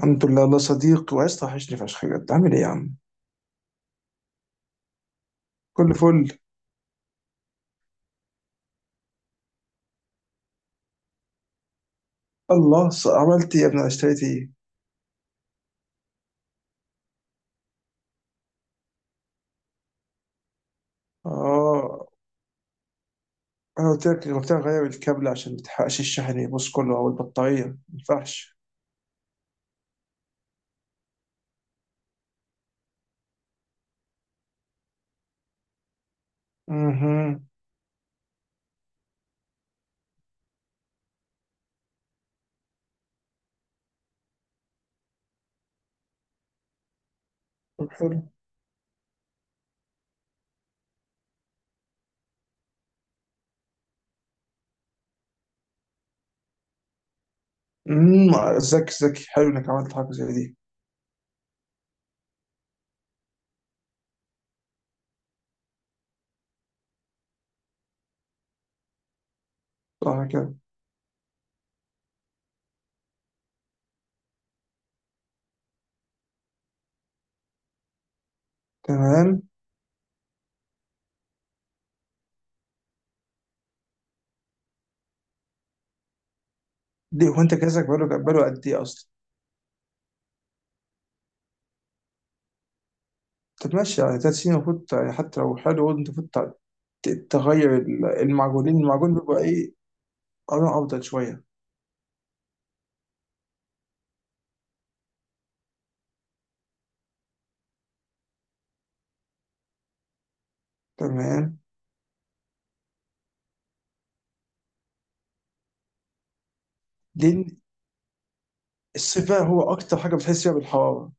الحمد لله الله صديق وعايز توحشني فشخ بجد، عامل ايه يا عم؟ كل فل. الله عملت ايه يا ابني؟ أنا اشتريت ايه؟ اه، انا قلت لك غير الكابل عشان ما تحرقش الشحن يبص كله او البطاريه ما ينفعش. اها. طب حلو. امم ذكي ذكي، حلو انك عملت حاجه زي دي. صح كده. تمام. ليه، هو انت جهازك بقاله قد ايه اصلا؟ طب ماشي، يعني 3 سنين المفروض يعني حتى لو حلو برضه انت المفروض تغير المعجون، بيبقى ايه قرن افضل شويه. تمام. دي السباع هو اكتر حاجه بتحس فيها بالحراره.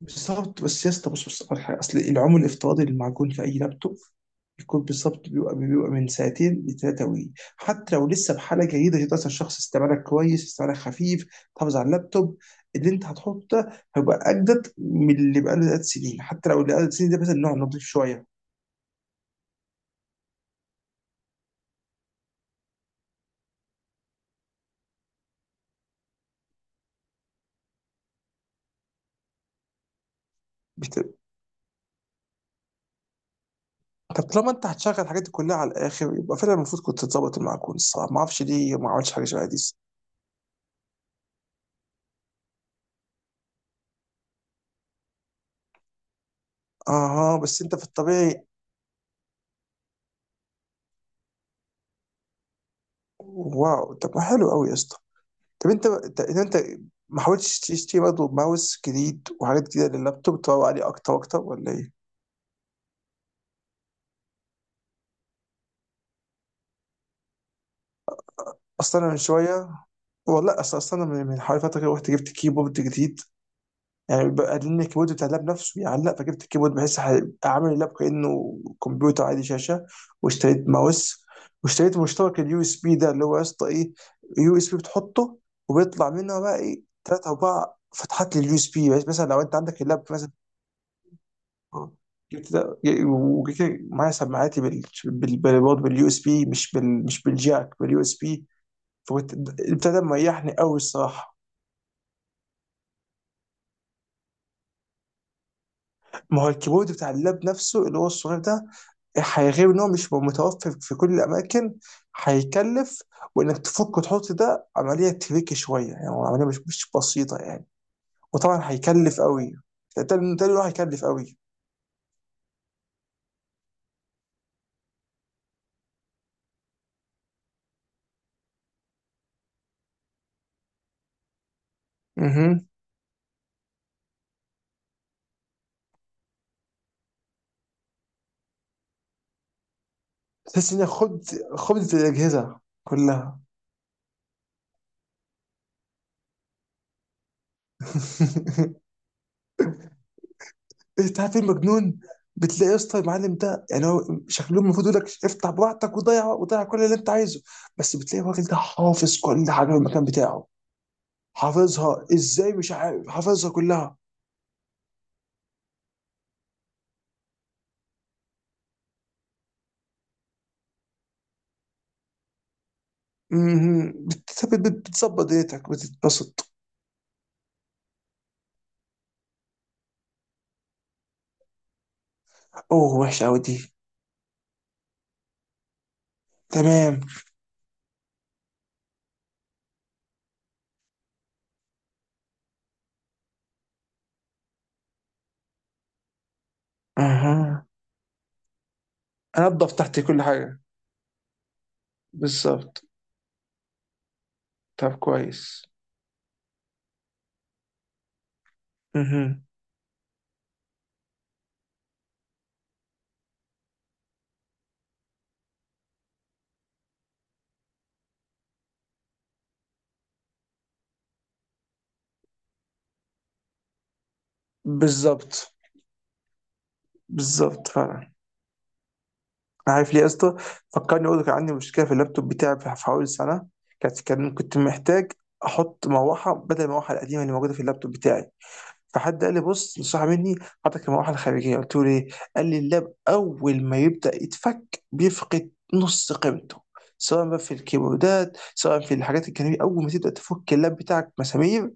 بالظبط، بس يا اسطى بص بص على حاجه، اصل العمر الافتراضي للمعجون في اي لابتوب يكون بالظبط بيبقى من ساعتين لثلاثه حتى لو لسه بحاله جيده، تقدر الشخص استعمالك كويس، استعمالك خفيف، تحافظ على اللابتوب. اللي انت هتحطه ده هيبقى اجدد من اللي بقاله 3 سنين، حتى لو اللي بقاله 3 سنين ده مثلا نوع نضيف شويه. بت- طب طالما انت هتشغل الحاجات دي كلها على الاخر، يبقى فعلا المفروض كنت تظبط المعجون. الصراحه ما اعرفش ليه ما عملتش حاجه شبه دي. اه، بس انت في الطبيعي. واو، طب ما حلو قوي يا اسطى. طب انت ما حاولتش تشتري برضه ماوس جديد وحاجات جديده لللابتوب تروق عليه اكتر واكتر، ولا ايه؟ اصلا انا من شويه، والله اصلا من حوالي فتره كده رحت جبت كيبورد جديد. يعني بقى لان الكيبورد بتاع اللاب نفسه يعلق، فجبت الكيبورد بحيث اعمل اللاب كانه كمبيوتر عادي، شاشه، واشتريت ماوس، واشتريت مشترك اليو اس بي ده اللي هو يا اسطى ايه، يو اس بي بتحطه وبيطلع منها بقى ايه ثلاث اربع فتحات لليو اس بي. بس مثلا لو انت عندك اللاب مثلا، اه جبت ده وجبت كده معايا سماعاتي برضه باليو اس بي، مش بالجاك، باليو اس بي. فكنت، البتاع ده مريحني قوي الصراحه. ما هو الكيبورد بتاع اللاب نفسه اللي هو الصغير ده، هيغير ان هو مش متوفر في كل الاماكن، هيكلف، وانك تفك وتحط ده عمليه تريكي شويه، يعني هو عمليه مش بسيطه يعني، وطبعا هيكلف قوي. ده اللي هو هيكلف قوي. اها. تحس انك خبز خبز الاجهزه كلها. انت عارف ايه المجنون، بتلاقي يا اسطى المعلم ده يعني هو شكله المفروض يقول لك افتح براحتك وضيع وضيع كل اللي انت عايزه، بس بتلاقي الراجل ده حافظ كل حاجه في المكان بتاعه. حافظها ازاي، مش عارف، حافظها كلها. مهم. بتظبط دنيتك بتتبسط. اوه وحشه قوي دي. تمام. اها. انضف تحتي كل حاجه. بالظبط. طب كويس. اها. بالظبط. بالظبط فعلا. عارف ليه يا اسطى، فكرني اقول لك عندي مشكله في اللابتوب بتاعي، في حوالي سنه، كانت كان كنت محتاج احط مروحه بدل المروحه القديمه اللي موجوده في اللابتوب بتاعي، فحد قال لي بص نصح مني، حطك المروحه الخارجيه. قلت له ليه؟ قال لي اللاب اول ما يبدا يتفك بيفقد نص قيمته، سواء بقى في الكيبوردات سواء في الحاجات الجانبيه، اول ما تبدا تفك اللاب بتاعك مسامير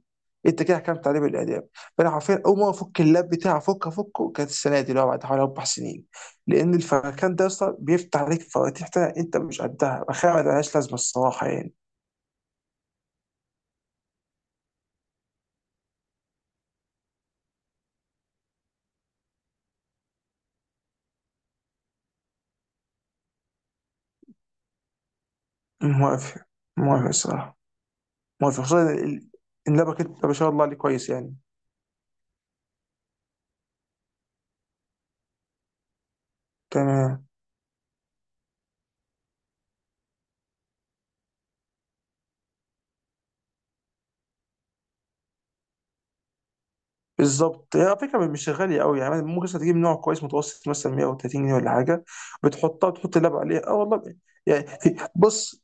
انت كده حكمت عليه بالاعدام. فانا حرفيا اول ما افك اللاب بتاعي، افكه، كانت السنه دي اللي هو بعد حوالي 4 سنين، لان الفركان ده اصلا بيفتح عليك فواتير تانية انت مش قدها، بخير ما لهاش لازمه الصراحه يعني. موافق. موافق الصراحه. موافق، خصوصا إن لابك انت ما شاء الله عليه كويس يعني. تمام. بالظبط. هي على فكره مش غاليه قوي، يعني ممكن مثلا تجيب نوع كويس متوسط مثلا 130 جنيه ولا حاجه، بتحطها وتحط اللب عليها. اه والله. يعني بص،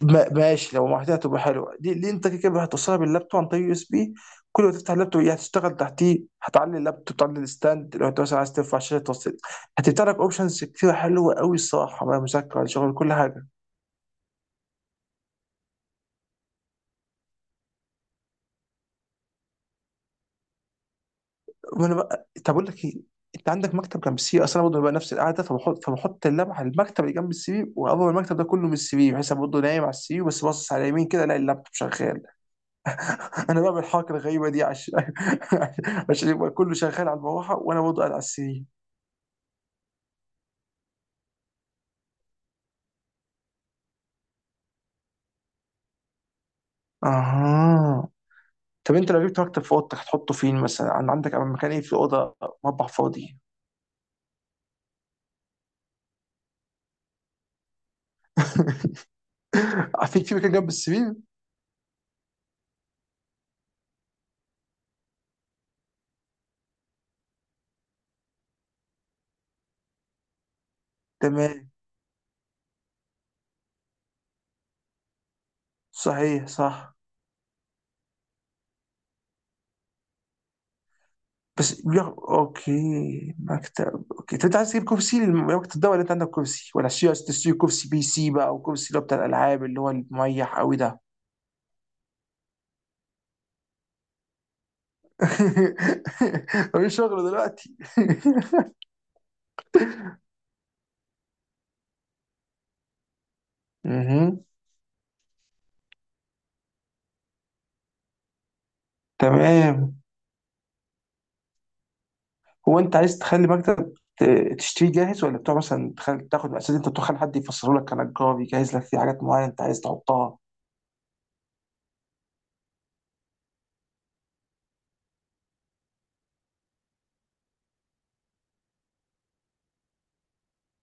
ماشي لو محتاجها تبقى حلوه دي, انت كده كده هتوصلها باللابتوب عن طريق يو اس بي، كل ما تفتح اللابتوب هي هتشتغل تحتيه، هتعلي اللابتوب، تعلي الستاند، لو انت مثلا عايز ترفع شاشه توصل، هتفتح لك اوبشنز كتير حلوه قوي الصراحه، بقى مذاكره ولا شغل كل حاجه. وانا بقى طب اقول لك ايه، انت عندك مكتب جنب السي في؟ اصل انا برضه ببقى نفس القعده، فبحط اللمعه على المكتب اللي جنب السي في، واقرب المكتب ده كله من السي في، بحيث أنا برضه نايم على السي في بس باصص على اليمين كده الاقي اللابتوب شغال. انا بعمل الحركه الغريبه دي عشان عشان يبقى كله شغال على المروحه وانا برضه قاعد على السي في. اها. طب انت لو جبت مكتب في اوضتك هتحطه فين مثلا، عندك مكان ايه في اوضه؟ مطبخ فاضي؟ في مكان جنب السرير، تمام. صحيح صح. بس يا اوكي، مكتب. اوكي، طب انت عايز تجيب كرسي لمكتب ده ولا انت عندك كرسي، ولا عشان عايز تشتري كرسي بي سي بقى، او كرسي اللي هو بتاع الالعاب اللي هو المريح قوي ده؟ مفيش شغل دلوقتي. مهم. تمام. هو انت عايز تخلي مكتب تشتريه جاهز، ولا بتوع مثلا تاخد اساس انت تخلي حد يفسره لك كنجار يجهز لك في حاجات معينه انت عايز تحطها؟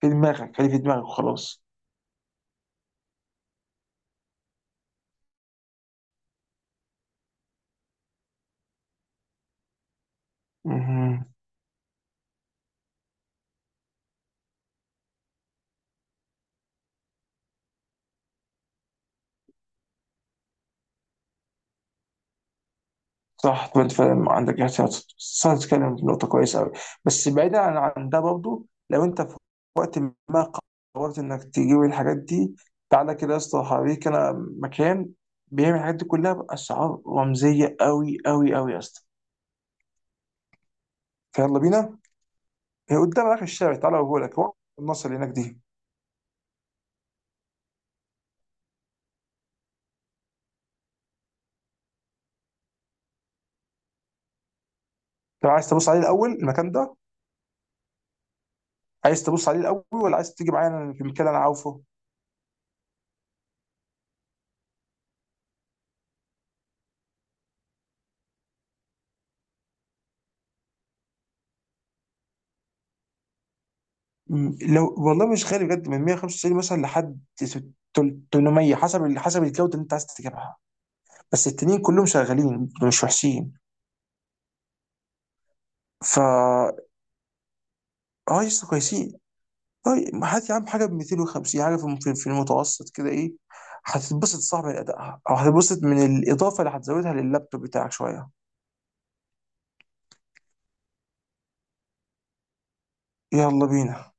في دماغك، خلي في دماغك وخلاص. مهم. صح. طب انت فاهم، عندك احتياط. صح، تتكلم في نقطة كويسة أوي. بس بعيدا عن ده برضه، لو انت في وقت ما قررت انك تجيب الحاجات دي، تعالى كده يا اسطى هوريك انا مكان بيعمل الحاجات دي كلها بأسعار رمزية أوي أوي أوي يا اسطى. فيلا بينا. هي قدام اخر الشارع، تعالى اوريهولك، هو النصر اللي هناك دي. لو عايز تبص عليه الأول المكان ده، عايز تبص عليه الأول ولا عايز تيجي معايا في المكان اللي أنا عارفه؟ مم. لو والله مش غالي بجد، من 195 مثلا لحد 800، حسب حسب الجوده اللي انت عايز تجيبها، بس التانيين كلهم شغالين، مش وحشين. فا اه، يس كويسين. طيب هات يا عم حاجه ب 250، حاجه في في المتوسط كده، ايه هتتبسط صح من ادائها، او هتتبسط من الاضافه اللي هتزودها لللابتوب بتاعك شويه. يلا بينا.